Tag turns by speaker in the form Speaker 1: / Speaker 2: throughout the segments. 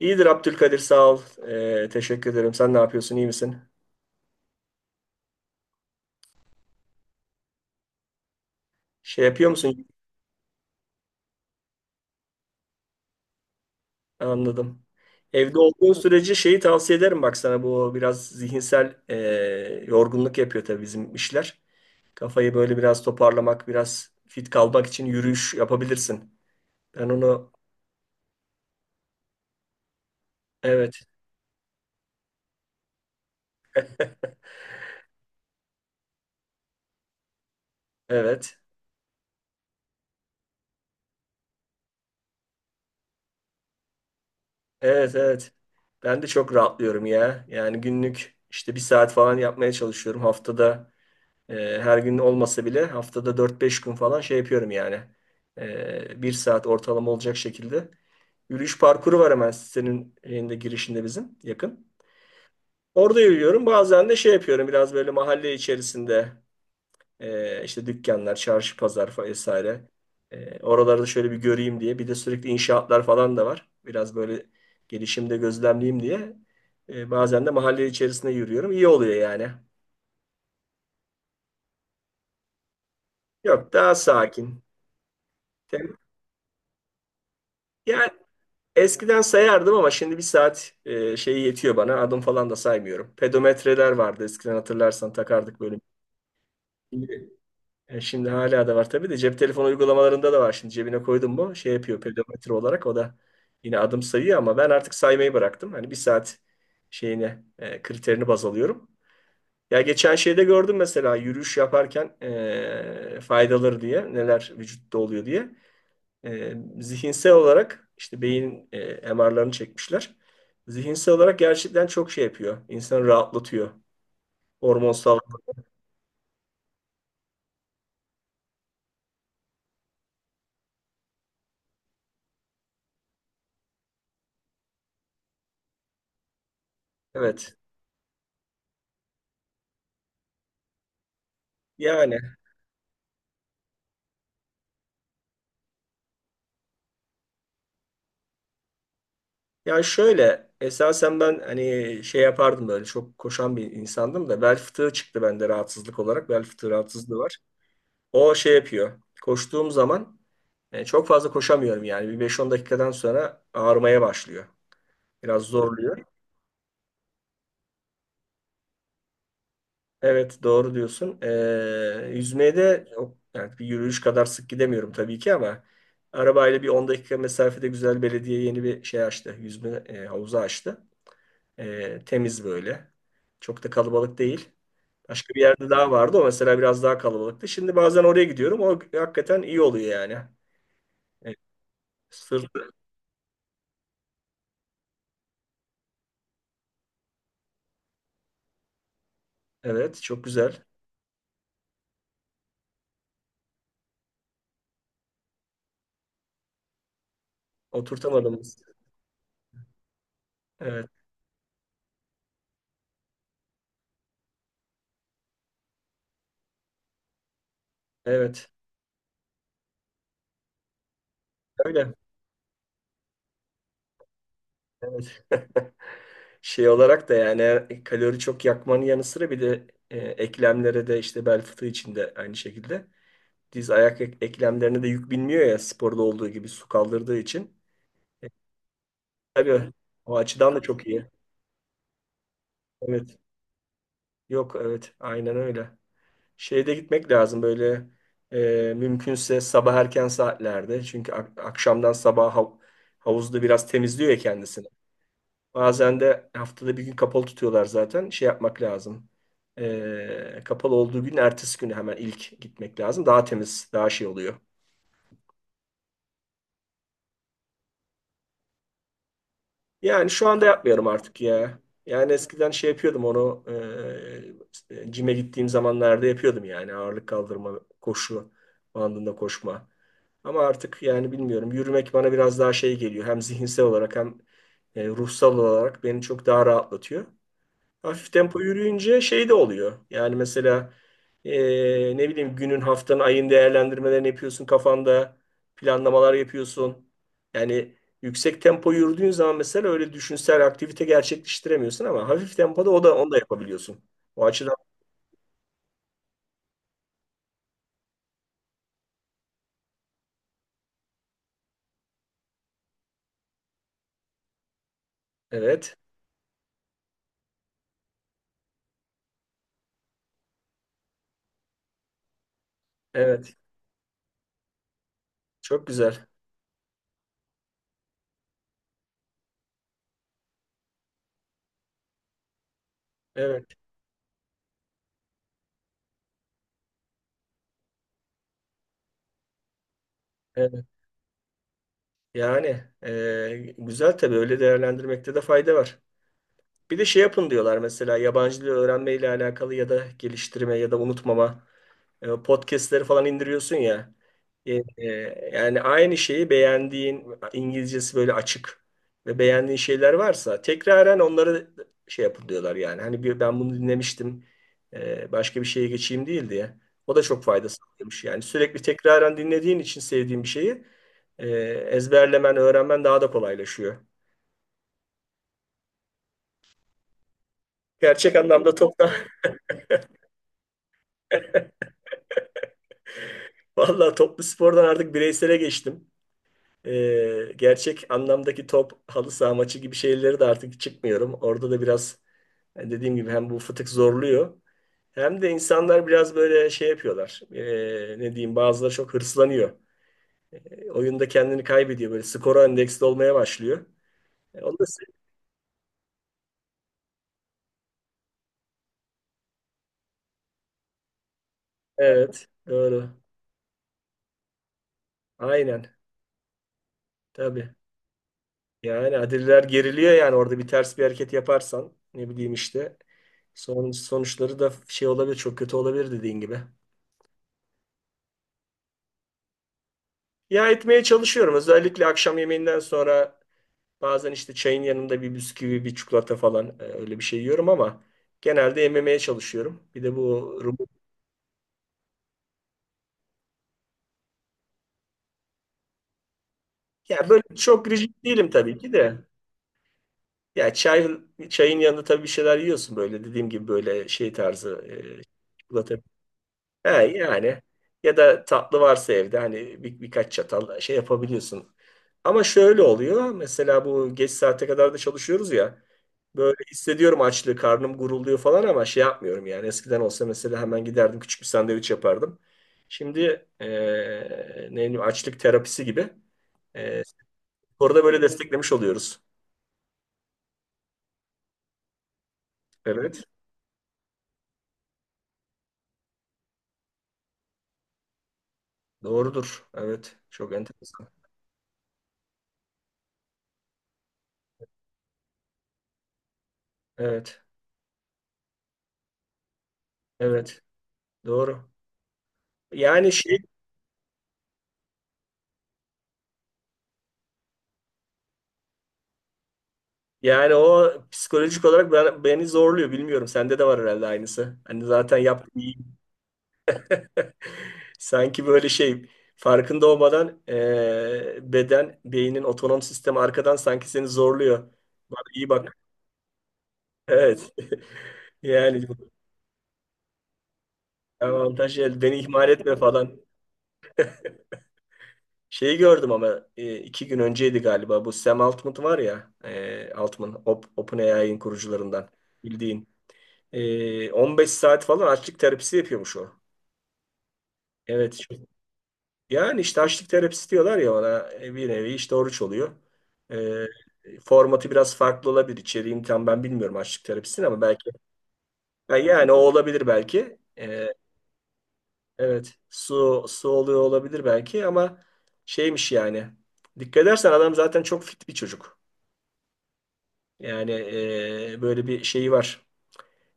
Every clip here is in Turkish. Speaker 1: İyidir Abdülkadir sağ ol. Teşekkür ederim. Sen ne yapıyorsun? İyi misin? Şey yapıyor musun? Anladım. Evde olduğun sürece şeyi tavsiye ederim bak sana bu biraz zihinsel yorgunluk yapıyor tabii bizim işler. Kafayı böyle biraz toparlamak, biraz fit kalmak için yürüyüş yapabilirsin. Ben onu. Evet. Evet, evet, evet. Ben de çok rahatlıyorum ya. Yani günlük işte bir saat falan yapmaya çalışıyorum haftada. E, Her gün olmasa bile haftada 4-5 gün falan şey yapıyorum yani. Bir saat ortalama olacak şekilde. Yürüyüş parkuru var hemen sitenin şeyinde, girişinde bizim yakın. Orada yürüyorum. Bazen de şey yapıyorum biraz böyle mahalle içerisinde işte dükkanlar, çarşı, pazar vesaire. Oraları da şöyle bir göreyim diye. Bir de sürekli inşaatlar falan da var. Biraz böyle gelişimde gözlemleyeyim diye. Bazen de mahalle içerisinde yürüyorum. İyi oluyor yani. Yok, daha sakin. Tem- Yani, eskiden sayardım ama şimdi bir saat şeyi yetiyor bana. Adım falan da saymıyorum. Pedometreler vardı eskiden, hatırlarsan takardık böyle. Şimdi, şimdi hala da var tabii de, cep telefonu uygulamalarında da var. Şimdi cebine koydum mu şey yapıyor pedometre olarak, o da yine adım sayıyor ama ben artık saymayı bıraktım. Hani bir saat şeyine kriterini baz alıyorum. Ya geçen şeyde gördüm mesela, yürüyüş yaparken faydaları diye neler vücutta oluyor diye. Zihinsel olarak işte beyin MR'larını çekmişler. Zihinsel olarak gerçekten çok şey yapıyor. İnsanı rahatlatıyor. Hormonsal. Evet. Yani, ya şöyle esasen ben hani şey yapardım, böyle çok koşan bir insandım da bel fıtığı çıktı bende rahatsızlık olarak. Bel fıtığı rahatsızlığı var. O şey yapıyor. Koştuğum zaman çok fazla koşamıyorum yani. Bir 5-10 dakikadan sonra ağrımaya başlıyor. Biraz zorluyor. Evet, doğru diyorsun. Yüzmeye de yani bir yürüyüş kadar sık gidemiyorum tabii ki, ama arabayla bir 10 dakika mesafede güzel, belediye yeni bir şey açtı. Yüzme havuzu açtı. Temiz böyle. Çok da kalabalık değil. Başka bir yerde daha vardı. O mesela biraz daha kalabalıktı. Şimdi bazen oraya gidiyorum. O hakikaten iyi oluyor yani. Evet, sırt, evet, çok güzel. Oturtamadım. Evet, evet. Öyle. Evet. Şey olarak da yani kalori çok yakmanın yanı sıra bir de eklemlere de, işte bel fıtığı için de aynı şekilde diz ayak eklemlerine de yük binmiyor ya, sporda olduğu gibi, su kaldırdığı için. E, tabii o açıdan da çok iyi. Evet. Yok, evet, aynen öyle. Şeyde gitmek lazım böyle mümkünse sabah erken saatlerde. Çünkü akşamdan sabah havuzda biraz temizliyor ya kendisini. Bazen de haftada bir gün kapalı tutuyorlar zaten. Şey yapmak lazım. Kapalı olduğu gün ertesi günü hemen ilk gitmek lazım. Daha temiz, daha şey oluyor. Yani şu anda yapmıyorum artık ya. Yani eskiden şey yapıyordum onu, cime gittiğim zamanlarda yapıyordum yani. Ağırlık kaldırma, koşu bandında koşma. Ama artık yani bilmiyorum, yürümek bana biraz daha şey geliyor. Hem zihinsel olarak hem ruhsal olarak beni çok daha rahatlatıyor. Hafif tempo yürüyünce şey de oluyor. Yani mesela, ne bileyim günün, haftanın, ayın değerlendirmelerini yapıyorsun kafanda, planlamalar yapıyorsun. Yani yüksek tempo yürüdüğün zaman mesela öyle düşünsel aktivite gerçekleştiremiyorsun ama hafif tempoda o da onu da yapabiliyorsun. O açıdan evet, evet, çok güzel. Evet, evet. Yani, güzel tabii, öyle değerlendirmekte de fayda var. Bir de şey yapın diyorlar mesela, yabancı dil öğrenmeyle alakalı ya da geliştirme ya da unutmama podcastleri falan indiriyorsun ya. Yani aynı şeyi, beğendiğin İngilizcesi böyle açık ve beğendiğin şeyler varsa tekraren onları şey yapın diyorlar yani. Hani ben bunu dinlemiştim, başka bir şeye geçeyim değil diye. O da çok fayda sağlamış yani. Sürekli tekraren dinlediğin için sevdiğin bir şeyi e, ezberlemen, öğrenmen daha da kolaylaşıyor. Gerçek anlamda toptan. Valla, toplu spordan artık bireysele geçtim. Gerçek anlamdaki top, halı saha maçı gibi şeyleri de artık çıkmıyorum. Orada da biraz, yani dediğim gibi hem bu fıtık zorluyor hem de insanlar biraz böyle şey yapıyorlar. Ne diyeyim, bazıları çok hırslanıyor. Oyunda kendini kaybediyor, böyle skora endeksli olmaya başlıyor. Onu da evet, doğru, aynen, tabii. Yani Adiller geriliyor yani, orada bir ters bir hareket yaparsan ne bileyim işte sonuçları da şey olabilir, çok kötü olabilir dediğin gibi. Ya, etmeye çalışıyorum özellikle akşam yemeğinden sonra, bazen işte çayın yanında bir bisküvi, bir çikolata falan öyle bir şey yiyorum ama genelde yememeye çalışıyorum. Bir de bu rumu- ya, böyle çok rigid değilim tabii ki de. Ya, çayın yanında tabii bir şeyler yiyorsun böyle, dediğim gibi böyle şey tarzı, e, çikolata. He, yani ya da tatlı varsa evde, hani birkaç çatal şey yapabiliyorsun. Ama şöyle oluyor mesela, bu geç saate kadar da çalışıyoruz ya, böyle hissediyorum açlığı, karnım gurulduyor falan ama şey yapmıyorum yani. Eskiden olsa mesela hemen giderdim, küçük bir sandviç yapardım. Şimdi ne bileyim, açlık terapisi gibi eee orada böyle desteklemiş oluyoruz. Evet, doğrudur, evet, çok enteresan. Evet, evet, doğru. Yani şey Yani o psikolojik olarak beni zorluyor. Bilmiyorum. Sende de var herhalde aynısı. Hani zaten yaptım, iyi. Sanki böyle şey, farkında olmadan beynin otonom sistemi arkadan sanki seni zorluyor. Bak, iyi bak. Evet. Yani bu avantaj, beni ihmal etme falan. Şeyi gördüm ama 2 gün önceydi galiba. Bu Sam Altman var ya, Altman, OpenAI'nin kurucularından bildiğin. 15 saat falan açlık terapisi yapıyormuş o. Evet. Yani işte açlık terapisi diyorlar ya ona, bir nevi işte oruç oluyor. Ee, Formatı biraz farklı olabilir. İçeriğini tam ben bilmiyorum açlık terapisini ama belki. Ha, yani o olabilir belki. Evet. Su oluyor olabilir belki ama şeymiş yani. Dikkat edersen adam zaten çok fit bir çocuk. Yani böyle bir şeyi var.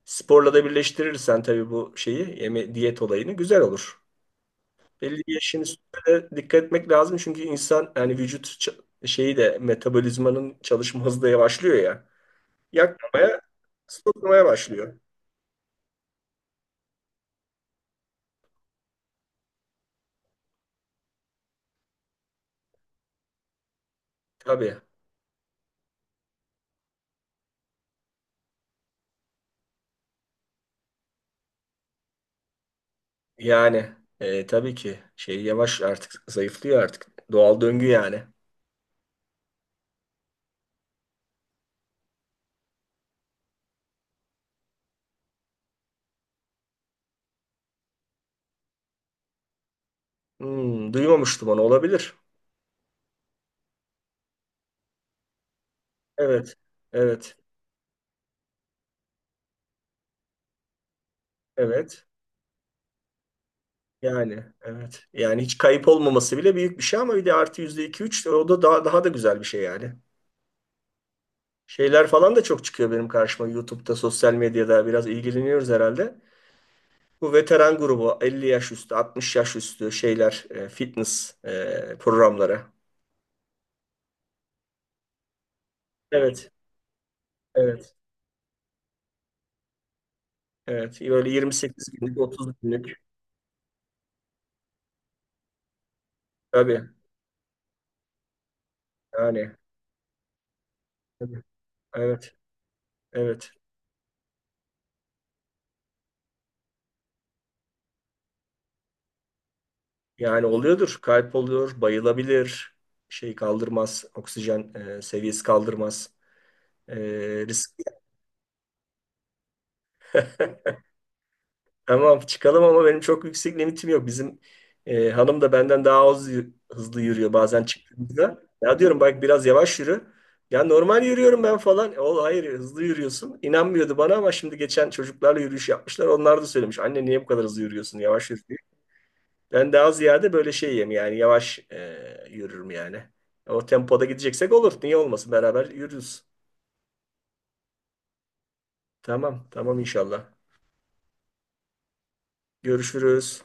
Speaker 1: Sporla da birleştirirsen tabii bu şeyi, yeme diyet olayını güzel olur. Belli bir yaşın üstüne de dikkat etmek lazım. Çünkü insan, yani vücut, şeyi de, metabolizmanın çalışma hızı da yavaşlıyor ya. Yakmaya, stoklamaya başlıyor. Tabii. Yani tabii ki şey, yavaş artık zayıflıyor artık. Doğal döngü yani. Hmm, duymamıştım onu, olabilir. Evet. Evet. Evet. Yani evet. Yani hiç kayıp olmaması bile büyük bir şey ama bir de artı %2-3, o da daha da güzel bir şey yani. Şeyler falan da çok çıkıyor benim karşıma YouTube'da, sosyal medyada, biraz ilgileniyoruz herhalde. Bu veteran grubu 50 yaş üstü, 60 yaş üstü şeyler, fitness programları. Evet, evet, evet. Böyle 28 günlük, 30 günlük. Tabii, yani. Tabii. Evet, evet. Yani oluyordur. Kalp oluyor, bayılabilir. Şey kaldırmaz, oksijen seviyesi kaldırmaz. E, Risk. Tamam, çıkalım ama benim çok yüksek limitim yok. Bizim hanım da benden daha az hızlı yürüyor bazen çıktığımızda. Ya, diyorum bak biraz yavaş yürü. Ya, normal yürüyorum ben falan. O hayır, hızlı yürüyorsun. İnanmıyordu bana ama şimdi geçen çocuklarla yürüyüş yapmışlar. Onlar da söylemiş. Anne, niye bu kadar hızlı yürüyorsun? Yavaş yürü diye. Ben daha ziyade böyle şeyim yani, yavaş yürürüm yani. O tempoda gideceksek olur. Niye olmasın? Beraber yürürüz. Tamam, tamam, inşallah. Görüşürüz.